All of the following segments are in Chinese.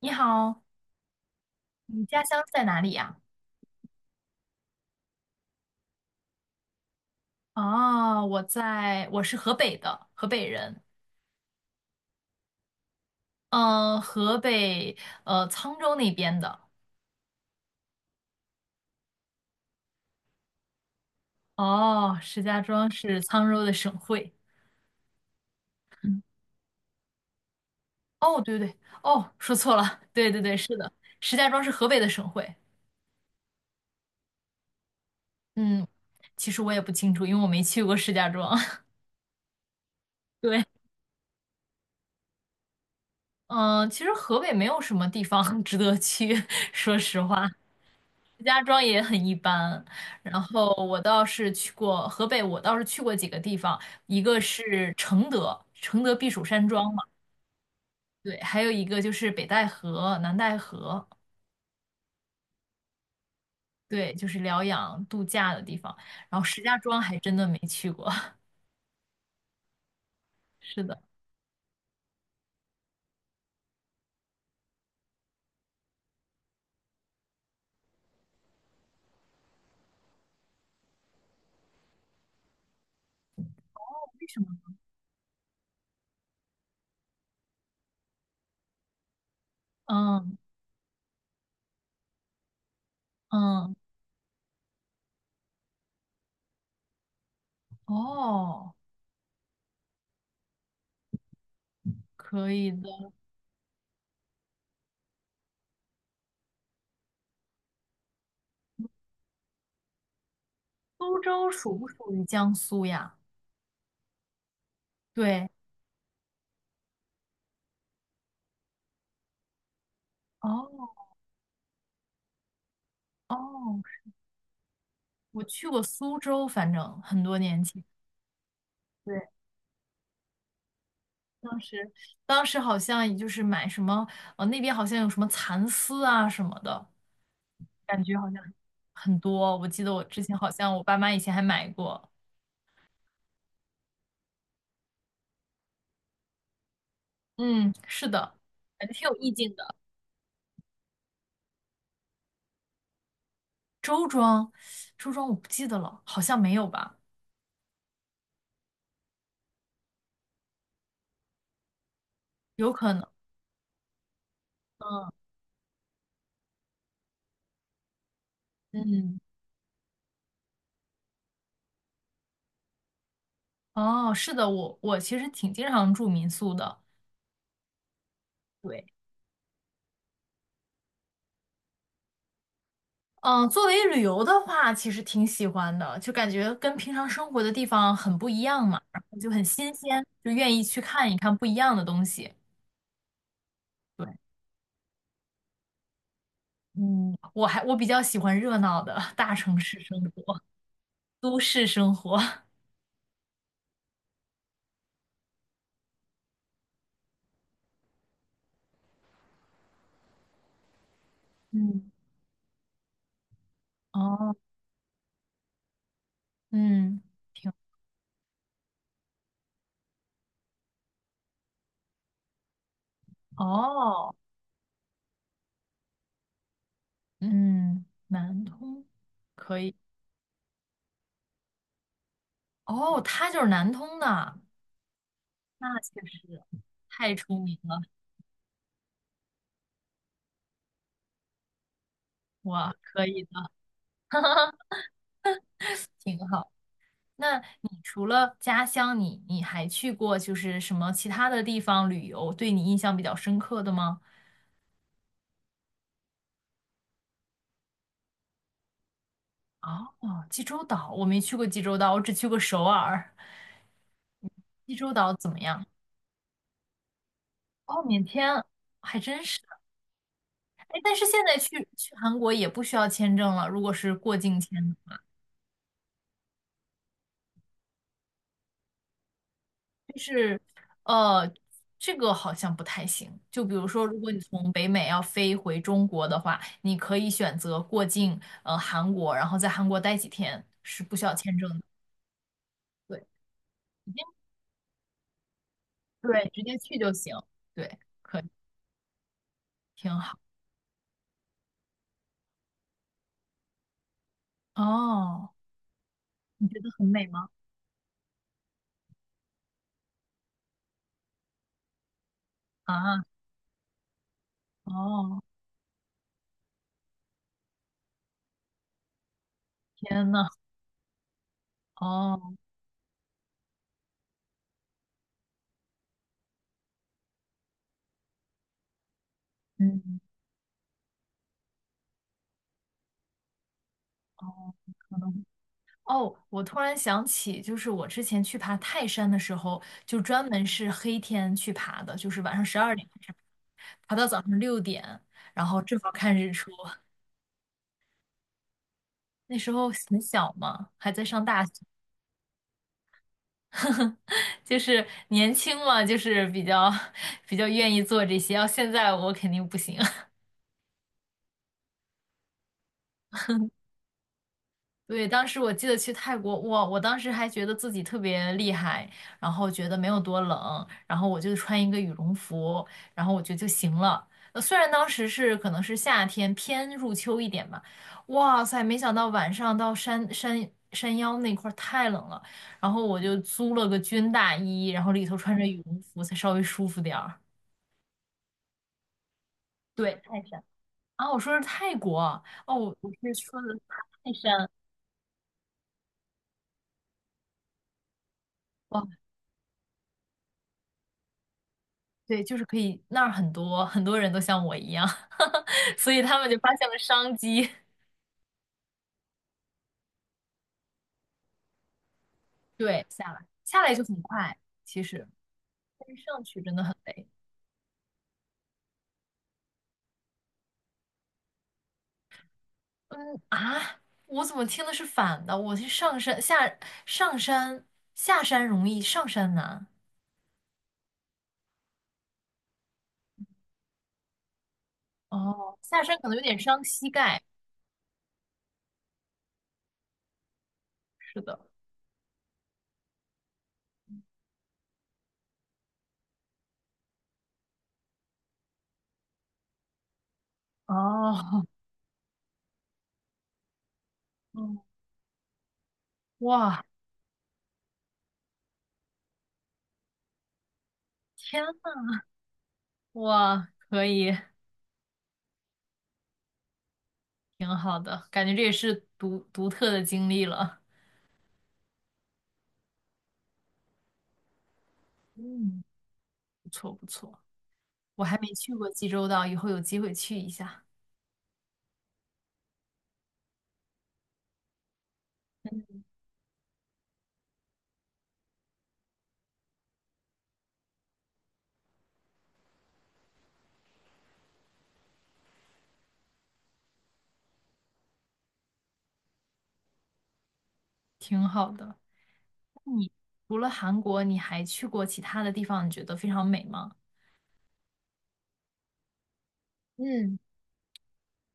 你好，你家乡在哪里呀？哦，我是河北的，河北人。嗯、河北沧州那边的。哦，石家庄是沧州的省会。哦，对对对，哦，说错了，对对对，是的，石家庄是河北的省会。嗯，其实我也不清楚，因为我没去过石家庄。对，嗯、其实河北没有什么地方 值得去，说实话。石家庄也很一般，然后我倒是去过河北，我倒是去过几个地方，一个是承德，承德避暑山庄嘛，对，还有一个就是北戴河、南戴河，对，就是疗养度假的地方。然后石家庄还真的没去过，是的，为什么？嗯嗯，哦，可以的。苏州属不属于江苏呀？对，哦哦，我去过苏州，反正很多年前。对。当时当时好像也就是买什么，那边好像有什么蚕丝啊什么的，感觉好像很多。我记得我之前好像我爸妈以前还买过，嗯，是的，感觉挺有意境的。周庄，周庄我不记得了，好像没有吧，有可能，嗯嗯，哦，是的，我其实挺经常住民宿的，对，嗯，作为旅游的话，其实挺喜欢的，就感觉跟平常生活的地方很不一样嘛，然后就很新鲜，就愿意去看一看不一样的东西。对，嗯，我比较喜欢热闹的大城市生活，都市生活。嗯，哦，嗯，挺，哦，嗯，南通可以，哦，他就是南通的，那确实太出名了，哇，可以的，挺好。那你除了家乡，你还去过就是什么其他的地方旅游，对你印象比较深刻的吗？哦，济州岛，我没去过济州岛，我只去过首尔。济州岛怎么样？哦，免签，还真是。哎，但是现在去韩国也不需要签证了，如果是过境签，是，呃，这个好像不太行。就比如说，如果你从北美要飞回中国的话，你可以选择过境，韩国，然后在韩国待几天，是不需要签证的。对，直接对直接去就行，对，可以，挺好。哦，你觉得很美吗？啊，哦，天呐，哦，嗯，哦，可能。哦，我突然想起，就是我之前去爬泰山的时候，就专门是黑天去爬的，就是晚上12点开始爬爬到早上6点，然后正好看日出。那时候很小嘛，还在上大学，就是年轻嘛，就是比较 比较愿意做这些。要现在我肯定不行。对，当时我记得去泰国，哇，我当时还觉得自己特别厉害，然后觉得没有多冷，然后我就穿一个羽绒服，然后我觉得就行了。虽然当时是可能是夏天偏入秋一点吧，哇塞，没想到晚上到山腰那块儿太冷了，然后我就租了个军大衣，然后里头穿着羽绒服才稍微舒服点儿。对，太晒了啊，我说是泰国啊哦，我是说的泰山哇，对，就是可以，那儿很多人都像我一样，所以他们就发现了商机，对，下来就很快，其实但是上去真的很累。嗯啊，我怎么听的是反的？我是上山下山容易，上山难。哦，下山可能有点伤膝盖，是的。哦，嗯，哇，天呐，哇，可以。挺好的，感觉这也是独特的经历了。嗯，不错不错，我还没去过济州岛，以后有机会去一下。嗯，挺好的。那你除了韩国，你还去过其他的地方？你觉得非常美吗？嗯，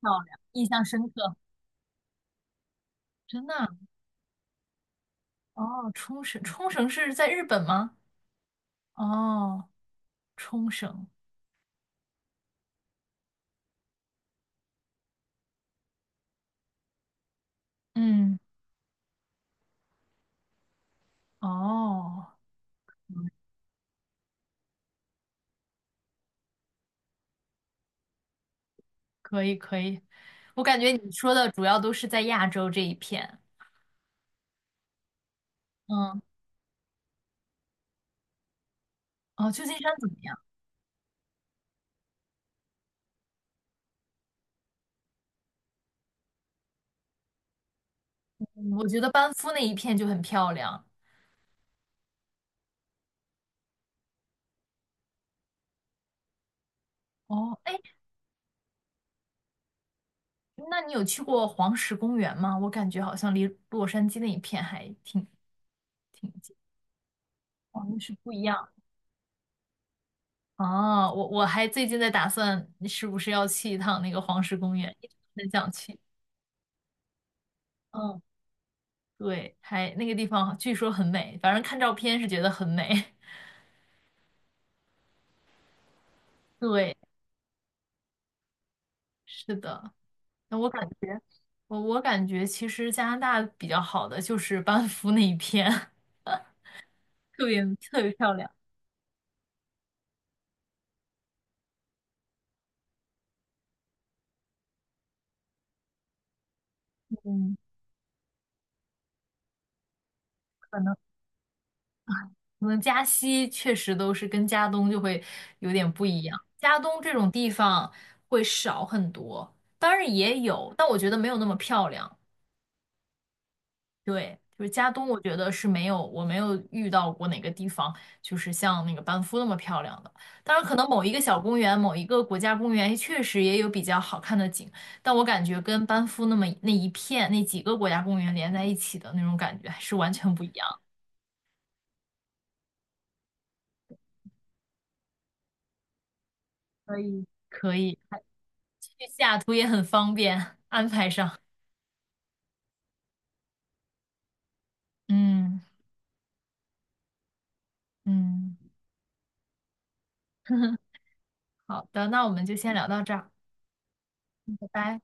漂亮，印象深刻。真的啊哦，冲绳，冲绳是在日本吗？哦，冲绳。嗯，哦，可以可以。我感觉你说的主要都是在亚洲这一片。嗯，哦，旧金山怎么样？嗯我觉得班夫那一片就很漂亮。哦，哎，那你有去过黄石公园吗？我感觉好像离洛杉矶那一片还挺近，哦，那是不一样。哦，我还最近在打算是不是要去一趟那个黄石公园，一直很想去。嗯，对，还那个地方据说很美，反正看照片是觉得很美。对，是的，那我感觉我感觉其实加拿大比较好的就是班夫那一片。特别特别漂亮。嗯，可能可能加西确实都是跟加东就会有点不一样，加东这种地方会少很多，当然也有，但我觉得没有那么漂亮。对，就是加东，我觉得是没有，我没有遇到过哪个地方就是像那个班夫那么漂亮的。当然，可能某一个小公园、某一个国家公园确实也有比较好看的景，但我感觉跟班夫那么那一片那几个国家公园连在一起的那种感觉还是完全不一样。可以，可以，去西雅图也很方便，安排上。嗯嗯，好的，那我们就先聊到这儿，拜拜。